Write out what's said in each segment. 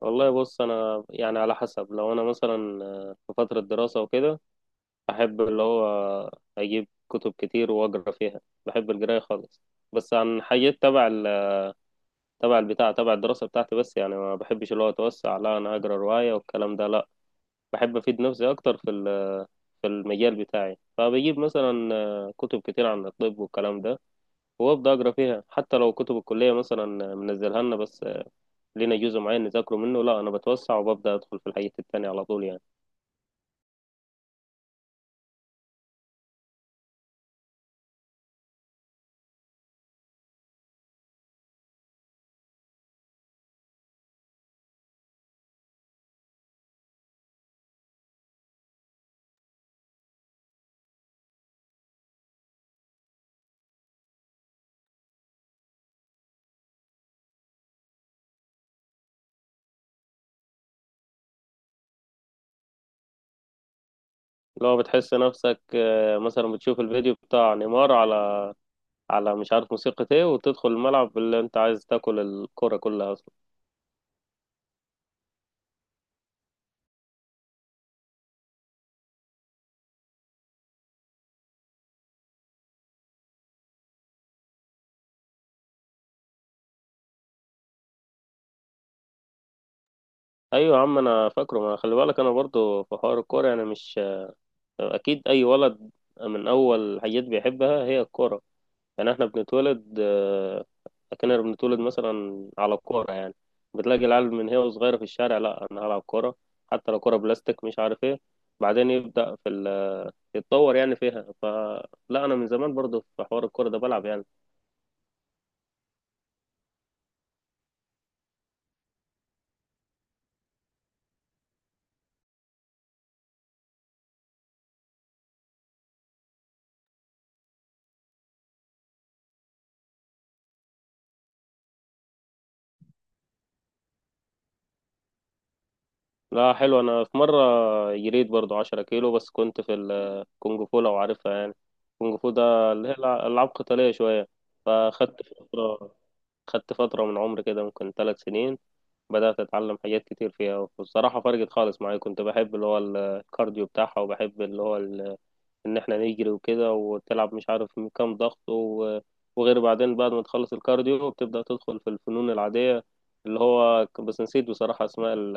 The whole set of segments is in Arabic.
والله بص، انا يعني على حسب. لو انا مثلا في فتره دراسه وكده احب اللي هو اجيب كتب كتير واقرا فيها. بحب القرايه خالص، بس عن حاجات تبع الدراسه بتاعتي. بس يعني ما بحبش اللي هو اتوسع، لا انا اقرا روايه والكلام ده، لا بحب افيد نفسي اكتر في المجال بتاعي. فبجيب مثلا كتب كتير عن الطب والكلام ده وابدا اقرا فيها، حتى لو كتب الكليه مثلا منزلها لنا بس لينا جزء معين نذاكره منه، لا انا بتوسع وببدا ادخل في الحاجات التانية على طول يعني. لو بتحس نفسك مثلا بتشوف الفيديو بتاع نيمار على مش عارف موسيقى ايه، وتدخل الملعب اللي انت عايز تاكل الكرة كلها اصلا. ايوه يا عم انا فاكره، ما خلي بالك انا برضو في حوار الكورة يعني، مش اكيد اي ولد من اول حاجات بيحبها هي الكورة. يعني احنا بنتولد كأننا بنتولد مثلا على الكورة يعني. بتلاقي العيال من هي وصغيرة في الشارع، لا انا هلعب كورة، حتى لو كورة بلاستيك مش عارف ايه. بعدين يبدأ في ال يتطور يعني فيها. فلا، انا من زمان برضو في حوار الكوره ده بلعب يعني. لا حلو، انا في مره جريت برضو 10 كيلو بس كنت في الكونغ فو لو عارفها يعني. الكونغ فو ده اللي هي العاب قتاليه شويه. فخدت فتره خدت فتره من عمري كده، ممكن ثلاث سنين بدات اتعلم حاجات كتير فيها والصراحه فرقت خالص معايا. كنت بحب اللي هو الكارديو بتاعها، وبحب اللي هو ان احنا نجري وكده وتلعب مش عارف من كام ضغط و- وغير. بعدين بعد ما تخلص الكارديو بتبدأ تدخل في الفنون العادية اللي هو بس نسيت بصراحة اسماء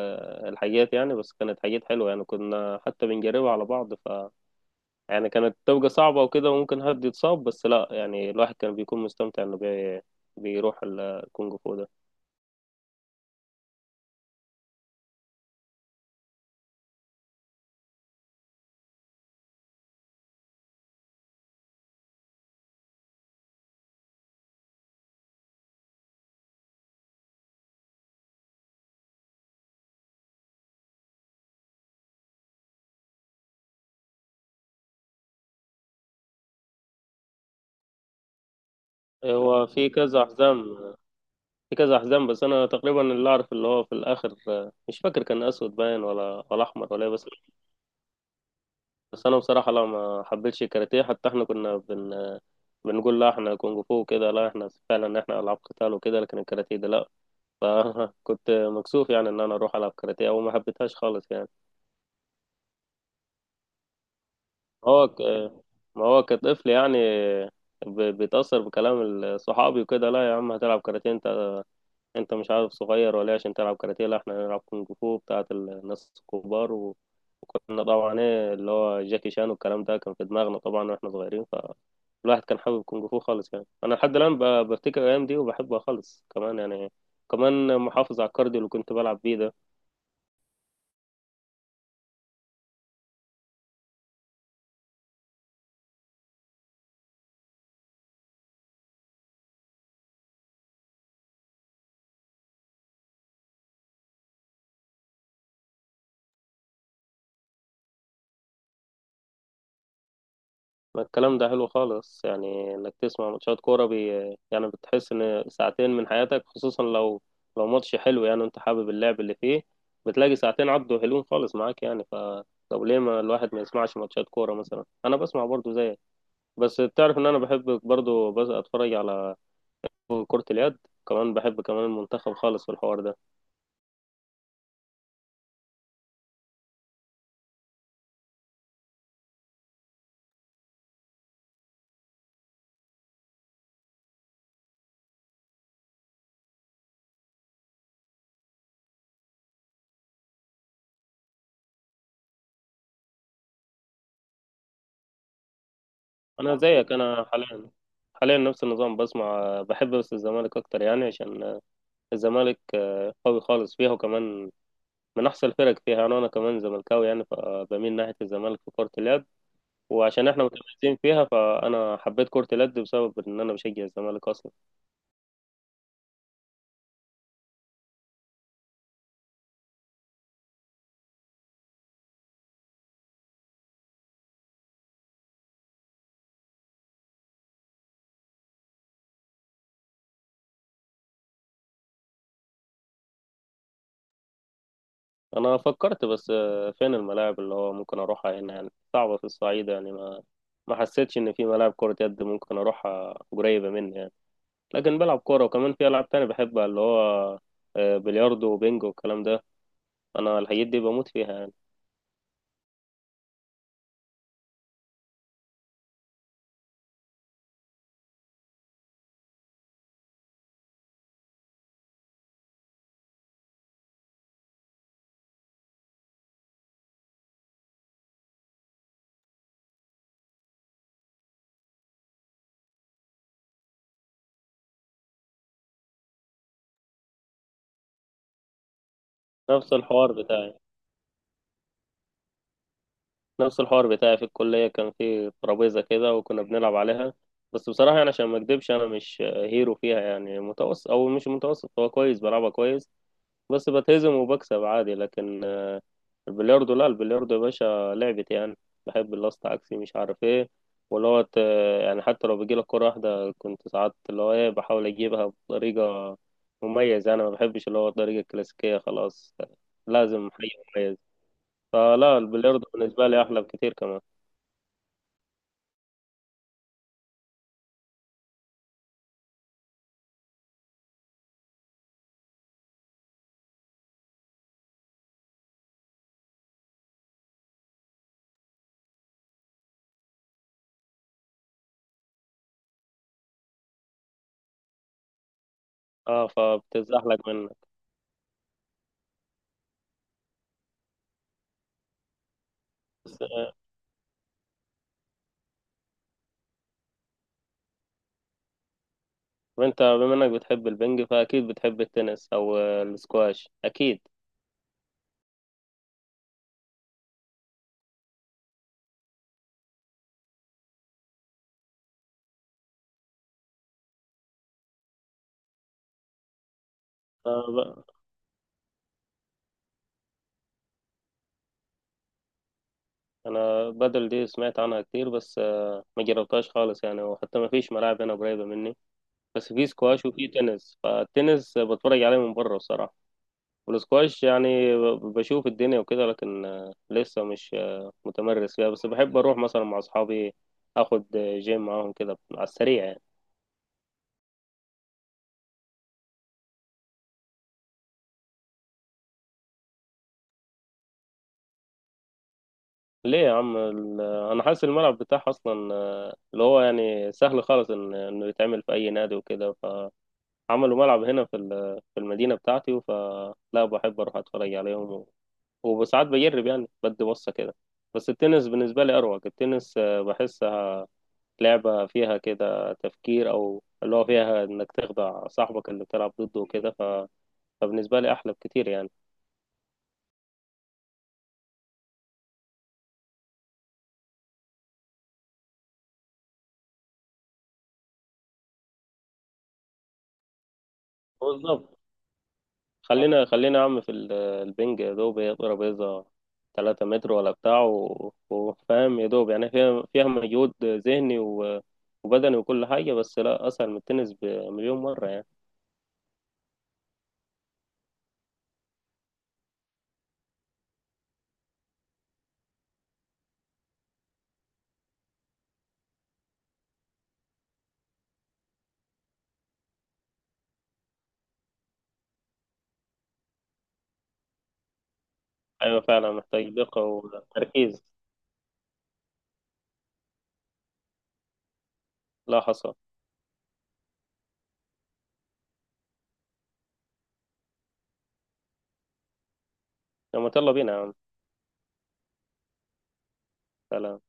الحاجات يعني. بس كانت حاجات حلوة يعني، كنا حتى بنجربها على بعض. يعني كانت تبقى صعبة وكده وممكن حد يتصاب، بس لا يعني الواحد كان بيكون مستمتع انه بيروح الكونغ فو ده. هو في كذا حزام، بس انا تقريبا اللي اعرف اللي هو في الاخر، مش فاكر كان اسود باين ولا احمر ولا إيه، بس. بس انا بصراحه لا ما حبيتش الكاراتيه. حتى احنا كنا بنقول لا احنا كونغ فو وكده، لا احنا فعلا احنا العاب قتال وكده، لكن الكاراتيه ده لا. فكنت مكسوف يعني ان انا اروح العب كاراتيه وما حبيتهاش خالص يعني. هو ك... ما هو كطفل يعني، بيتاثر بكلام صحابي وكده. لا يا عم هتلعب كاراتيه؟ انت مش عارف صغير ولا إيه عشان تلعب كاراتيه؟ لا احنا هنلعب كونغ فو بتاعت الناس الكبار. كنا طبعا ايه اللي هو جاكي شان والكلام ده كان في دماغنا طبعا واحنا صغيرين. فالواحد كان حابب كونج فو خالص يعني. انا لحد الان بفتكر الايام دي وبحبها خالص كمان يعني، كمان محافظ على الكارديو اللي كنت بلعب بيه ده. ما الكلام ده حلو خالص يعني، انك تسمع ماتشات كوره يعني بتحس ان ساعتين من حياتك، خصوصا لو ماتش حلو يعني انت حابب اللعب اللي فيه، بتلاقي ساعتين عدوا حلوين خالص معاك يعني. طب ليه ما الواحد ما يسمعش ماتشات كوره؟ مثلا انا بسمع برضو زيك. بس تعرف ان انا بحب برضو بس اتفرج على كرة اليد كمان؟ بحب كمان المنتخب خالص في الحوار ده. انا زيك، انا حاليا نفس النظام بسمع، بحب بس الزمالك اكتر يعني، عشان الزمالك قوي خالص فيها وكمان من احسن الفرق فيها. يعني انا كمان زملكاوي يعني، فبميل ناحية الزمالك في كرة اليد. وعشان احنا متميزين فيها فانا حبيت كرة اليد بسبب ان انا بشجع الزمالك اصلا. انا فكرت بس فين الملاعب اللي هو ممكن اروحها هنا؟ يعني صعبة في الصعيد يعني، ما حسيتش ان في ملاعب كرة يد ممكن اروحها قريبة مني يعني. لكن بلعب كورة وكمان في العاب تانية بحبها اللي هو بلياردو وبينجو والكلام ده. انا الحاجات دي بموت فيها يعني. نفس الحوار بتاعي نفس الحوار بتاعي في الكلية كان في ترابيزة كده وكنا بنلعب عليها. بس بصراحة يعني عشان ما اكدبش انا مش هيرو فيها يعني، متوسط او مش متوسط، هو كويس بلعبها كويس، بس بتهزم وبكسب عادي. لكن البلياردو، لا البلياردو يا باشا لعبتي يعني. بحب اللاست عكسي مش عارف ايه، واللي هو يعني حتى لو بيجيلك كرة واحدة كنت ساعات اللي هو ايه بحاول اجيبها بطريقة مميزة يعني. ما بحبش اللي هو الطريقة الكلاسيكية خلاص، لازم مميز. فلا البلياردو بالنسبة لي أحلى بكتير كمان. اه فبتزحلق منك بس. وانت بما انك بتحب البنج فأكيد بتحب التنس أو السكواش أكيد. آه، ب- أنا بدل دي سمعت عنها كتير بس ما جربتهاش خالص يعني، وحتى ما فيش ملاعب هنا قريبة مني. بس في سكواش وفي تنس. فالتنس بتفرج عليه من بره الصراحة، والسكواش يعني بشوف الدنيا وكده. لكن لسه مش متمرس فيها، بس بحب أروح مثلا مع أصحابي أخد جيم معاهم كده على السريع يعني. ليه يا عم أنا حاسس الملعب بتاعها أصلا اللي هو يعني سهل خالص إنه يتعمل في أي نادي وكده. فعملوا ملعب هنا في المدينة بتاعتي، فلا بحب أروح أتفرج عليهم وساعات بجرب يعني بدي بصة كده. بس التنس بالنسبة لي أروق. التنس بحسها لعبة فيها كده تفكير، أو اللي هو فيها إنك تخدع صاحبك اللي بتلعب ضده وكده. فبالنسبة لي أحلى بكتير يعني. بالظبط. خلينا خلينا يا عم في البنج، يا دوب هي ترابيزة تلاتة متر ولا بتاع، و- وفاهم يا دوب يعني فيها مجهود ذهني و- وبدني وكل حاجة، بس لا أسهل من التنس بمليون مرة يعني. أيوة فعلا محتاج دقة وتركيز. لا حصر. طب ما يلا بينا يا عم، تعالى.